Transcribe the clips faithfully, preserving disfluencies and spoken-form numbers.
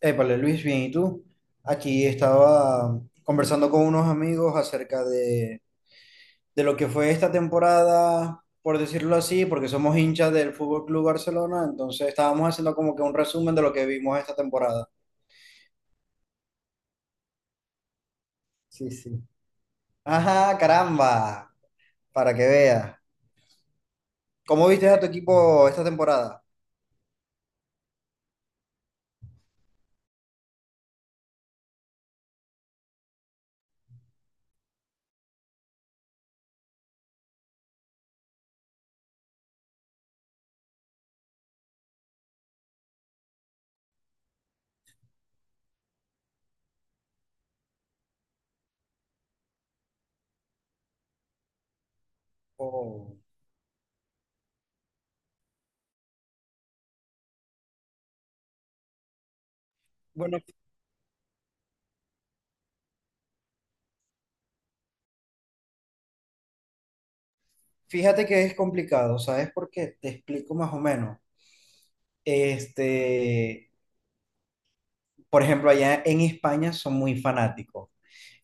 Épale, Luis, bien, ¿y tú? Aquí estaba conversando con unos amigos acerca de, de lo que fue esta temporada, por decirlo así, porque somos hinchas del Fútbol Club Barcelona, entonces estábamos haciendo como que un resumen de lo que vimos esta temporada. Sí, sí. Ajá, caramba, para que veas. ¿Cómo viste a tu equipo esta temporada? Oh, bueno, fíjate que es complicado, ¿sabes por qué? Te explico más o menos. Este, por ejemplo, allá en España son muy fanáticos.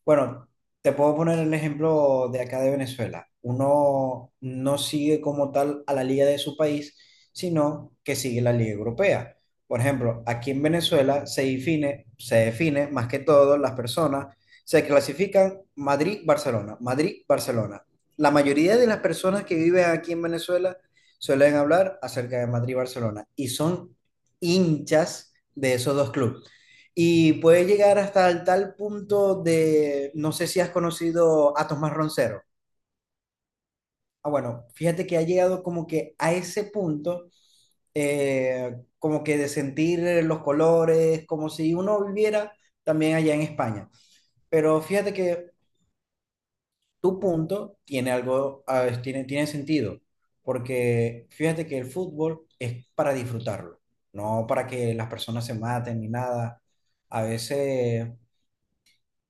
Bueno, te puedo poner el ejemplo de acá de Venezuela. Uno no sigue como tal a la liga de su país, sino que sigue la liga europea. Por ejemplo, aquí en Venezuela se define, se define más que todo las personas, se clasifican Madrid-Barcelona, Madrid-Barcelona. La mayoría de las personas que viven aquí en Venezuela suelen hablar acerca de Madrid-Barcelona y son hinchas de esos dos clubes y puede llegar hasta el tal punto de, no sé si has conocido a Tomás Roncero. Ah, bueno, fíjate que ha llegado como que a ese punto, eh, como que de sentir los colores, como si uno viviera también allá en España. Pero fíjate que tu punto tiene algo, ah, es- tiene, tiene sentido, porque fíjate que el fútbol es para disfrutarlo, no para que las personas se maten ni nada. A veces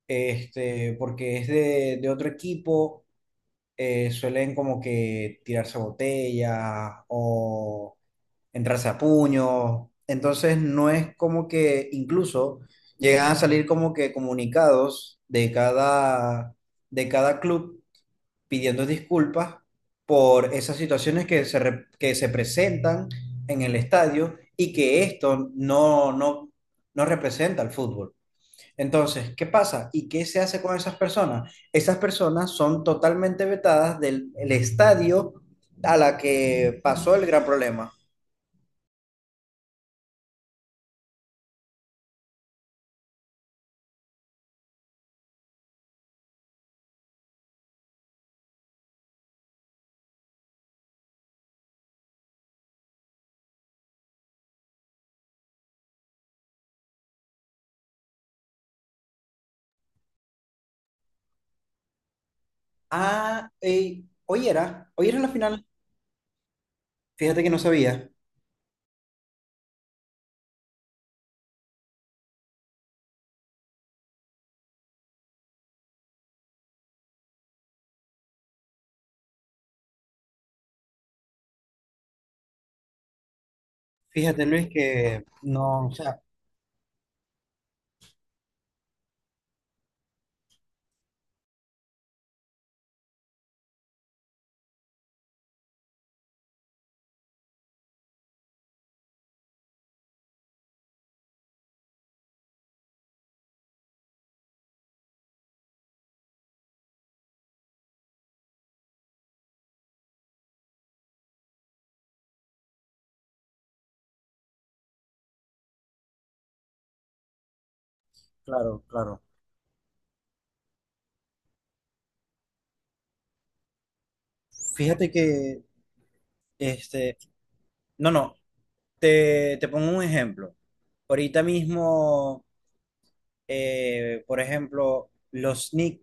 este, porque es de, de otro equipo, eh, suelen como que tirarse botellas o entrarse a puños. Entonces no es como que incluso llegan a salir como que comunicados de cada, de cada club pidiendo disculpas por esas situaciones que se, re- que se presentan en el estadio y que esto no, no, no representa al fútbol. Entonces, ¿qué pasa? ¿Y qué se hace con esas personas? Esas personas son totalmente vetadas del el estadio a la que pasó el gran problema. Ah, ey, hoy era, hoy era la final. Fíjate que no sabía. Fíjate, Luis, que no, o sea, claro, claro. Fíjate que, este, no, no, te, te pongo un ejemplo. Ahorita mismo eh, por ejemplo, los Knicks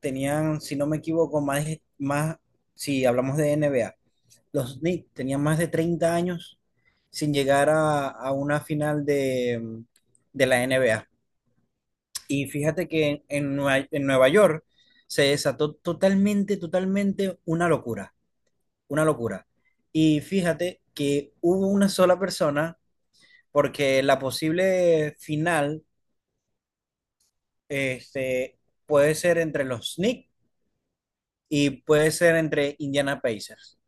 tenían, si no me equivoco, más, de- más, si hablamos de N B A, los Knicks tenían más de treinta años sin llegar a, a una final de, de la N B A. Y fíjate que en, Nueva, en Nueva York se desató totalmente, totalmente una locura, una locura. Y fíjate que hubo una sola persona, porque la posible final este, puede ser entre los Knicks y puede ser entre Indiana Pacers.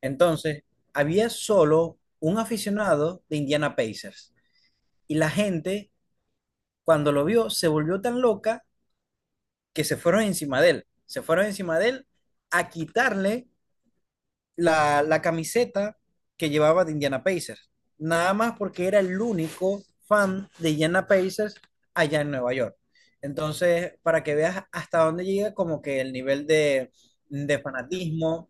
Entonces, había solo un aficionado de Indiana Pacers y la gente, cuando lo vio, se volvió tan loca que se fueron encima de él. Se fueron encima de él a quitarle la, la camiseta que llevaba de Indiana Pacers. Nada más porque era el único fan de Indiana Pacers allá en Nueva York. Entonces, para que veas hasta dónde llega como que el nivel de, de fanatismo.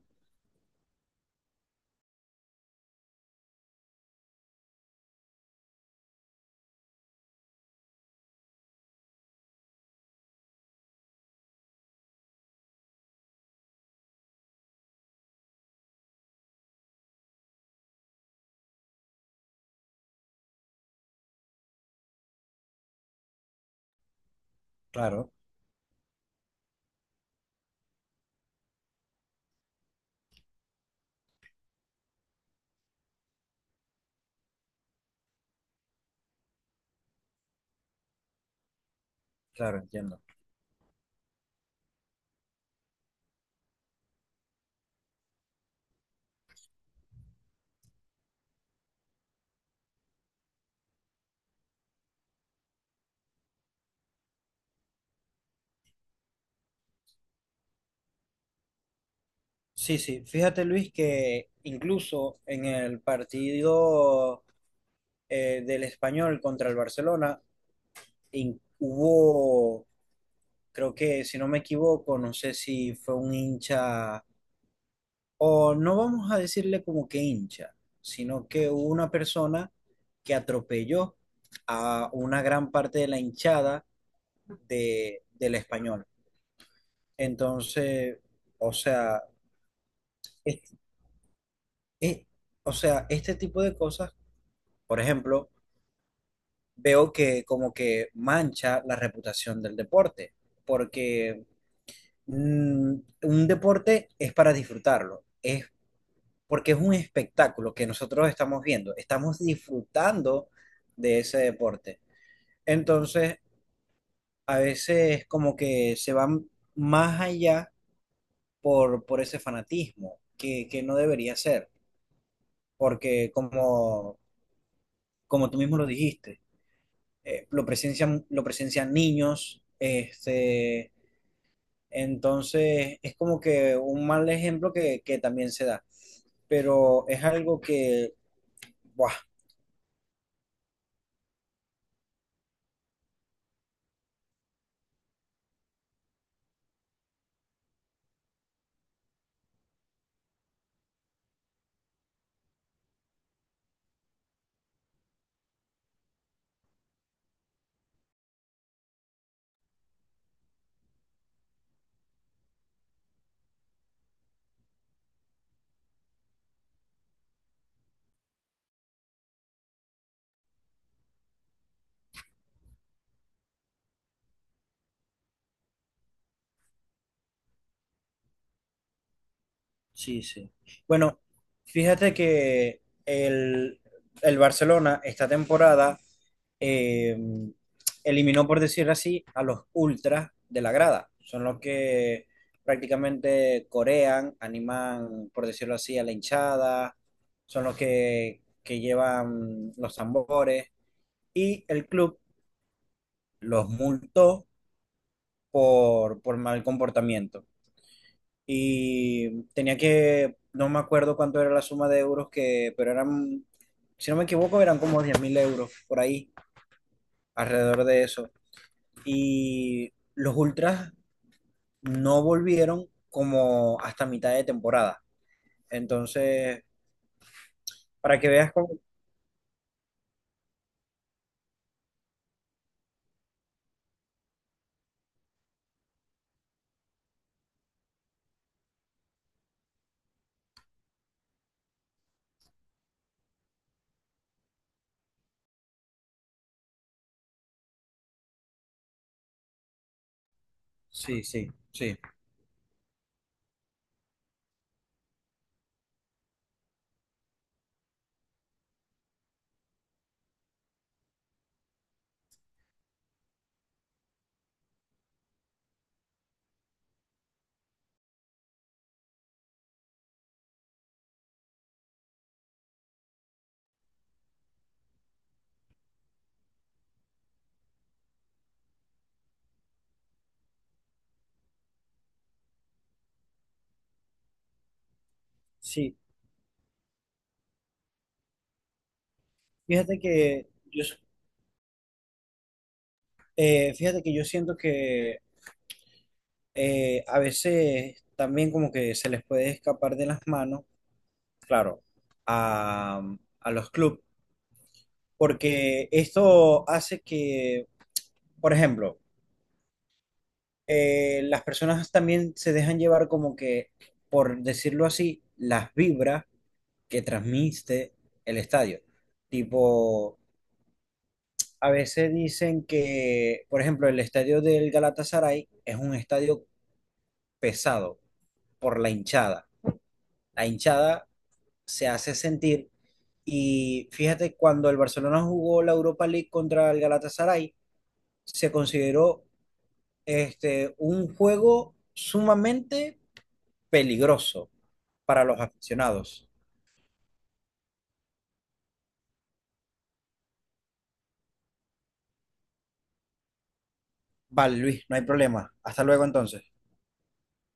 Claro, claro, entiendo. Sí, sí, fíjate, Luis, que incluso en el partido eh, del Español contra el Barcelona in- hubo, creo que si no me equivoco, no sé si fue un hincha o no vamos a decirle como que hincha, sino que hubo una persona que atropelló a una gran parte de la hinchada de, del Español. Entonces, o sea, es- es- o sea, este tipo de cosas, por ejemplo, veo que como que mancha la reputación del deporte, porque mm, un deporte es para disfrutarlo, es porque es un espectáculo que nosotros estamos viendo, estamos disfrutando de ese deporte. Entonces, a veces como que se van más allá por, por ese fanatismo, que, que no debería ser, porque como, como tú mismo lo dijiste, eh, lo presencian, lo presencian niños, este, entonces, es como que un mal ejemplo que, que también se da, pero es algo que, buah, sí, sí. Bueno, fíjate que el, el Barcelona esta temporada eh, eliminó, por decirlo así, a los ultras de la grada. Son los que prácticamente corean, animan, por decirlo así, a la hinchada, son los que, que llevan los tambores y el club los multó por, por mal comportamiento. Y tenía que, no me acuerdo cuánto era la suma de euros que, pero eran, si no me equivoco, eran como diez mil euros por ahí, alrededor de eso. Y los ultras no volvieron como hasta mitad de temporada. Entonces, para que veas cómo... Sí, sí, sí. Sí, fíjate que yo, eh, fíjate que yo siento que eh, a veces también como que se les puede escapar de las manos, claro, a, a los clubes, porque esto hace que, por ejemplo, eh, las personas también se dejan llevar como que, por decirlo así, las vibras que transmite el estadio. Tipo, a veces dicen que, por ejemplo, el estadio del Galatasaray es un estadio pesado por la hinchada. La hinchada se hace sentir. Y fíjate, cuando el Barcelona jugó la Europa League contra el Galatasaray, se consideró este, un juego sumamente peligroso para los aficionados. Vale, Luis, no hay problema. Hasta luego entonces.